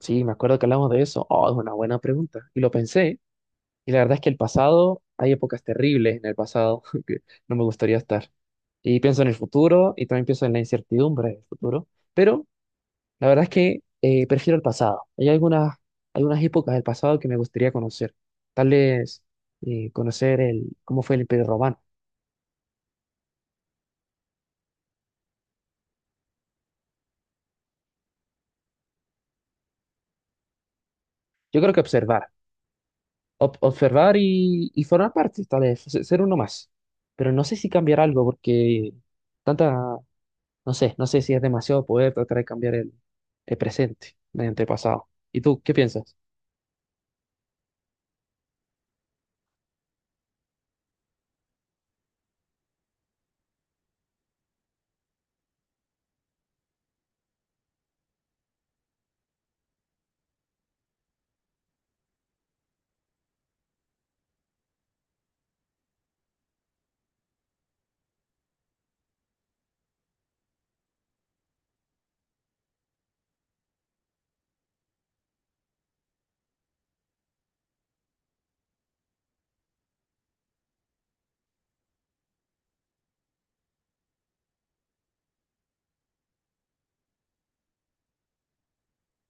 Sí, me acuerdo que hablamos de eso. Oh, es una buena pregunta. Y lo pensé. Y la verdad es que el pasado, hay épocas terribles en el pasado que no me gustaría estar. Y pienso en el futuro y también pienso en la incertidumbre del futuro. Pero la verdad es que prefiero el pasado. Algunas épocas del pasado que me gustaría conocer. Tal vez conocer cómo fue el Imperio Romano. Yo creo que observar. Observar y formar parte, tal vez, ser uno más. Pero no sé si cambiar algo porque tanta. No sé, no sé si es demasiado poder tratar de cambiar el presente mediante el pasado. ¿Y tú qué piensas?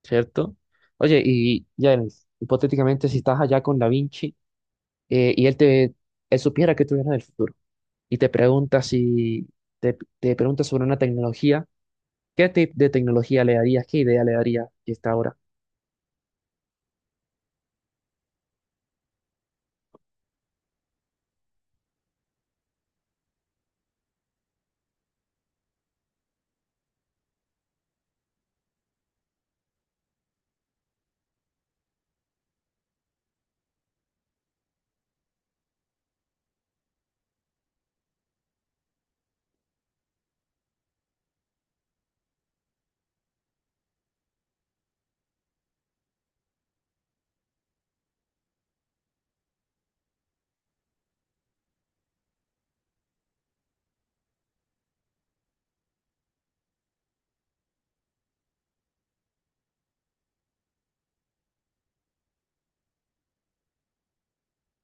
¿Cierto? Oye, y ya, hipotéticamente, si estás allá con Da Vinci eh, y él te él supiera que tú vienes del futuro y te pregunta si te pregunta sobre una tecnología, ¿qué tipo de tecnología le darías? ¿Qué idea le darías que está ahora?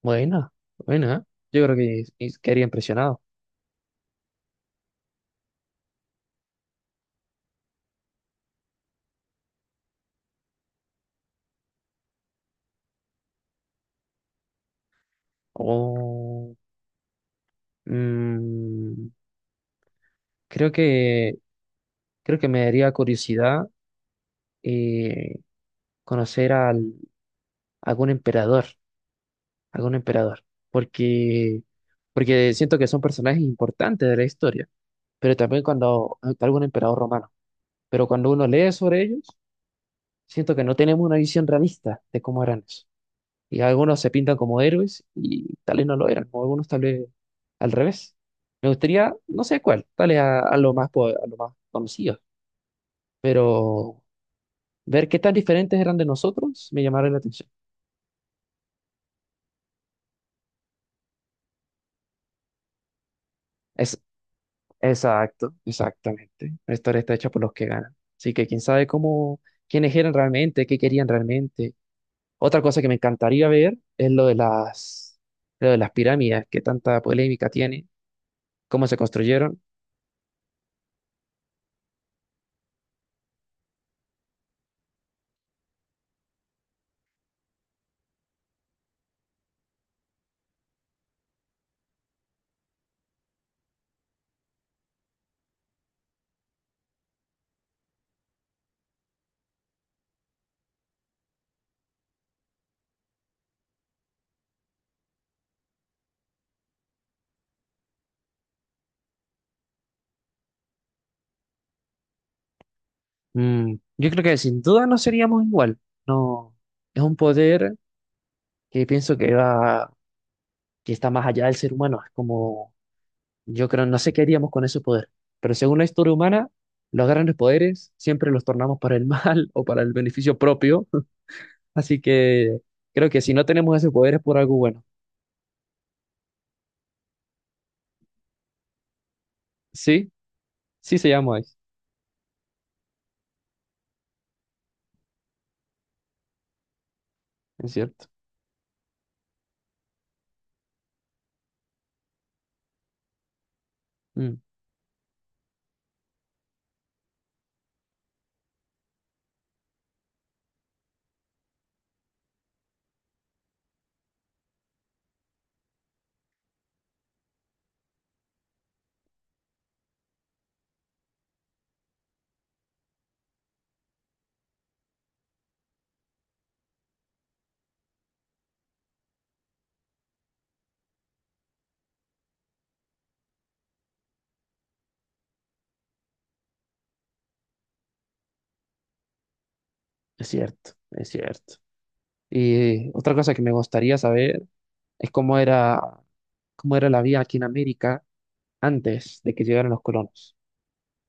Buena, buena, ¿eh? Yo creo que quedaría impresionado. O, mm, creo que creo que me daría curiosidad, eh, conocer algún emperador, algún emperador, porque, porque siento que son personajes importantes de la historia, pero también cuando algún emperador romano, pero cuando uno lee sobre ellos, siento que no tenemos una visión realista de cómo eran eso. Y algunos se pintan como héroes y tal vez no lo eran, o algunos tal vez al revés. Me gustaría, no sé cuál, tal vez a lo más, a lo más conocido, pero ver qué tan diferentes eran de nosotros me llamaron la atención. Es Exacto, exactamente. La historia está hecha por los que ganan. Así que quién sabe cómo, quiénes eran realmente, qué querían realmente. Otra cosa que me encantaría ver es lo de las pirámides, que tanta polémica tiene, cómo se construyeron. Mm, yo creo que sin duda no seríamos igual. No, es un poder que pienso que va, que está más allá del ser humano. Es como, yo creo, no sé qué haríamos con ese poder. Pero según la historia humana, los grandes poderes siempre los tornamos para el mal o para el beneficio propio. Así que creo que si no tenemos ese poder es por algo bueno. Sí, sí se llama Ice, es cierto. Mm, es cierto, es cierto. Y otra cosa que me gustaría saber es cómo era la vida aquí en América antes de que llegaran los colonos.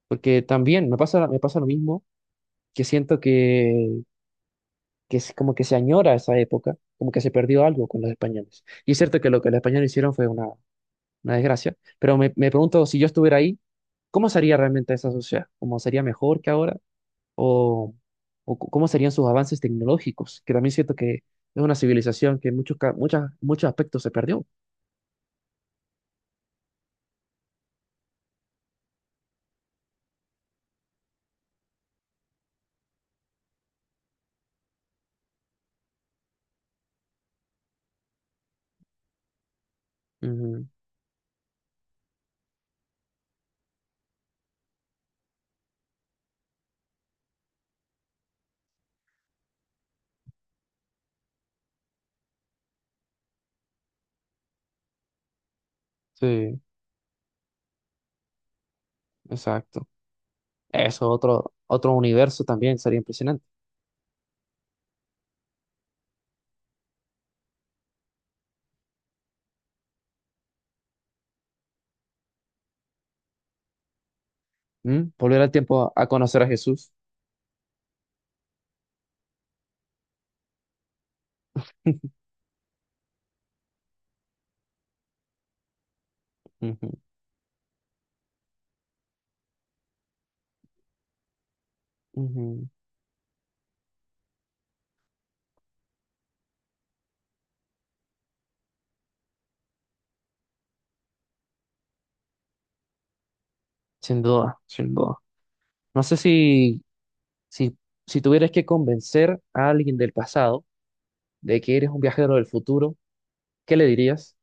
Porque también me pasa lo mismo, que siento que, que es como que se añora esa época, como que se perdió algo con los españoles. Y es cierto que lo que los españoles hicieron fue una desgracia, pero me pregunto si yo estuviera ahí. ¿Cómo sería realmente esa sociedad? ¿Cómo sería mejor que ahora? ¿O, cómo serían sus avances tecnológicos? Que también siento que es una civilización que en muchos, muchos aspectos se perdió. Ujú. Sí, exacto. Eso, otro, otro universo también sería impresionante. ¿Mm? Volver al tiempo a conocer a Jesús. Ujú, ujú. Sin duda, sin duda. No sé si, si, si tuvieras que convencer a alguien del pasado de que eres un viajero del futuro, ¿qué le dirías?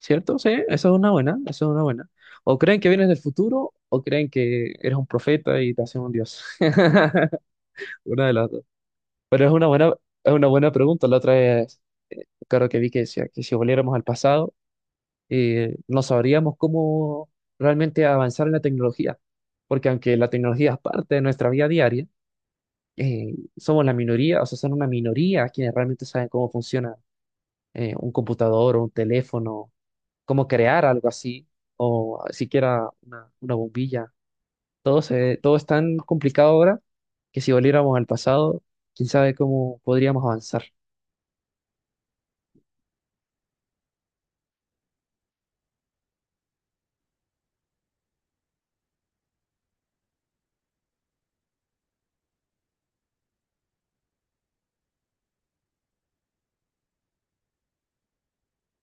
¿Cierto? Sí, eso es una buena. O creen que vienes del futuro o creen que eres un profeta y te hacen un dios. Una de las dos. Pero es una buena, es una buena pregunta. La otra es, claro que vi que decía que si volviéramos al pasado, no sabríamos cómo realmente avanzar en la tecnología. Porque aunque la tecnología es parte de nuestra vida diaria, somos la minoría, o sea, son una minoría quienes realmente saben cómo funciona un computador o un teléfono, cómo crear algo así, o siquiera una bombilla. Todo es tan complicado ahora que si volviéramos al pasado, quién sabe cómo podríamos avanzar.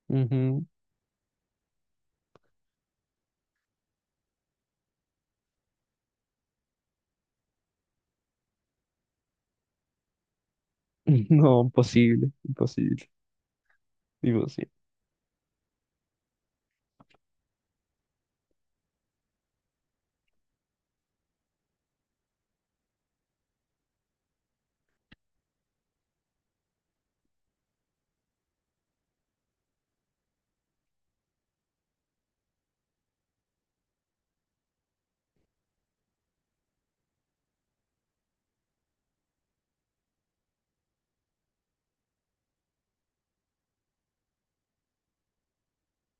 Ujú. No, imposible, imposible, imposible.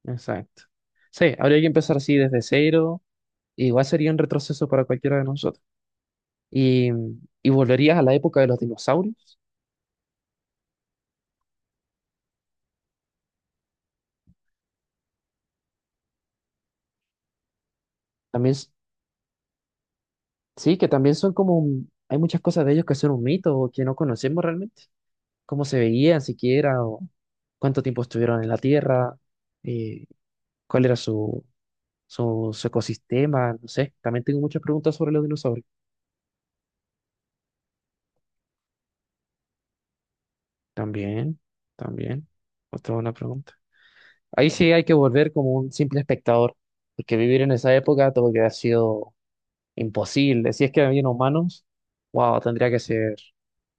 Exacto. Sí, habría que empezar así desde cero. Igual sería un retroceso para cualquiera de nosotros. Y, y volverías a la época de los dinosaurios. También, sí, que también son como, hay muchas cosas de ellos que son un mito o que no conocemos realmente. Cómo se veían siquiera, o cuánto tiempo estuvieron en la Tierra, eh, cuál era su ecosistema, no sé. También tengo muchas preguntas sobre los dinosaurios. También, también, otra buena pregunta. Ahí sí hay que volver como un simple espectador, porque vivir en esa época todo que ha sido imposible. Si es que habían humanos, wow, tendría que ser.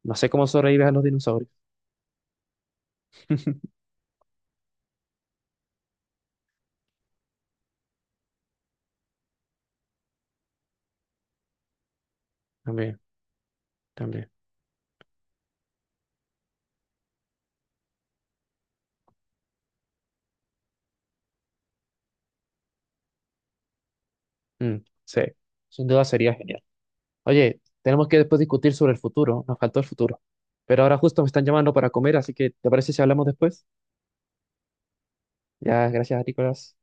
No sé cómo sobrevives a los dinosaurios. También, también. Mm, sí, sin duda sería genial. Oye, tenemos que después discutir sobre el futuro, nos faltó el futuro. Pero ahora justo me están llamando para comer, así que ¿te parece si hablamos después? Ya, gracias, Nicolás.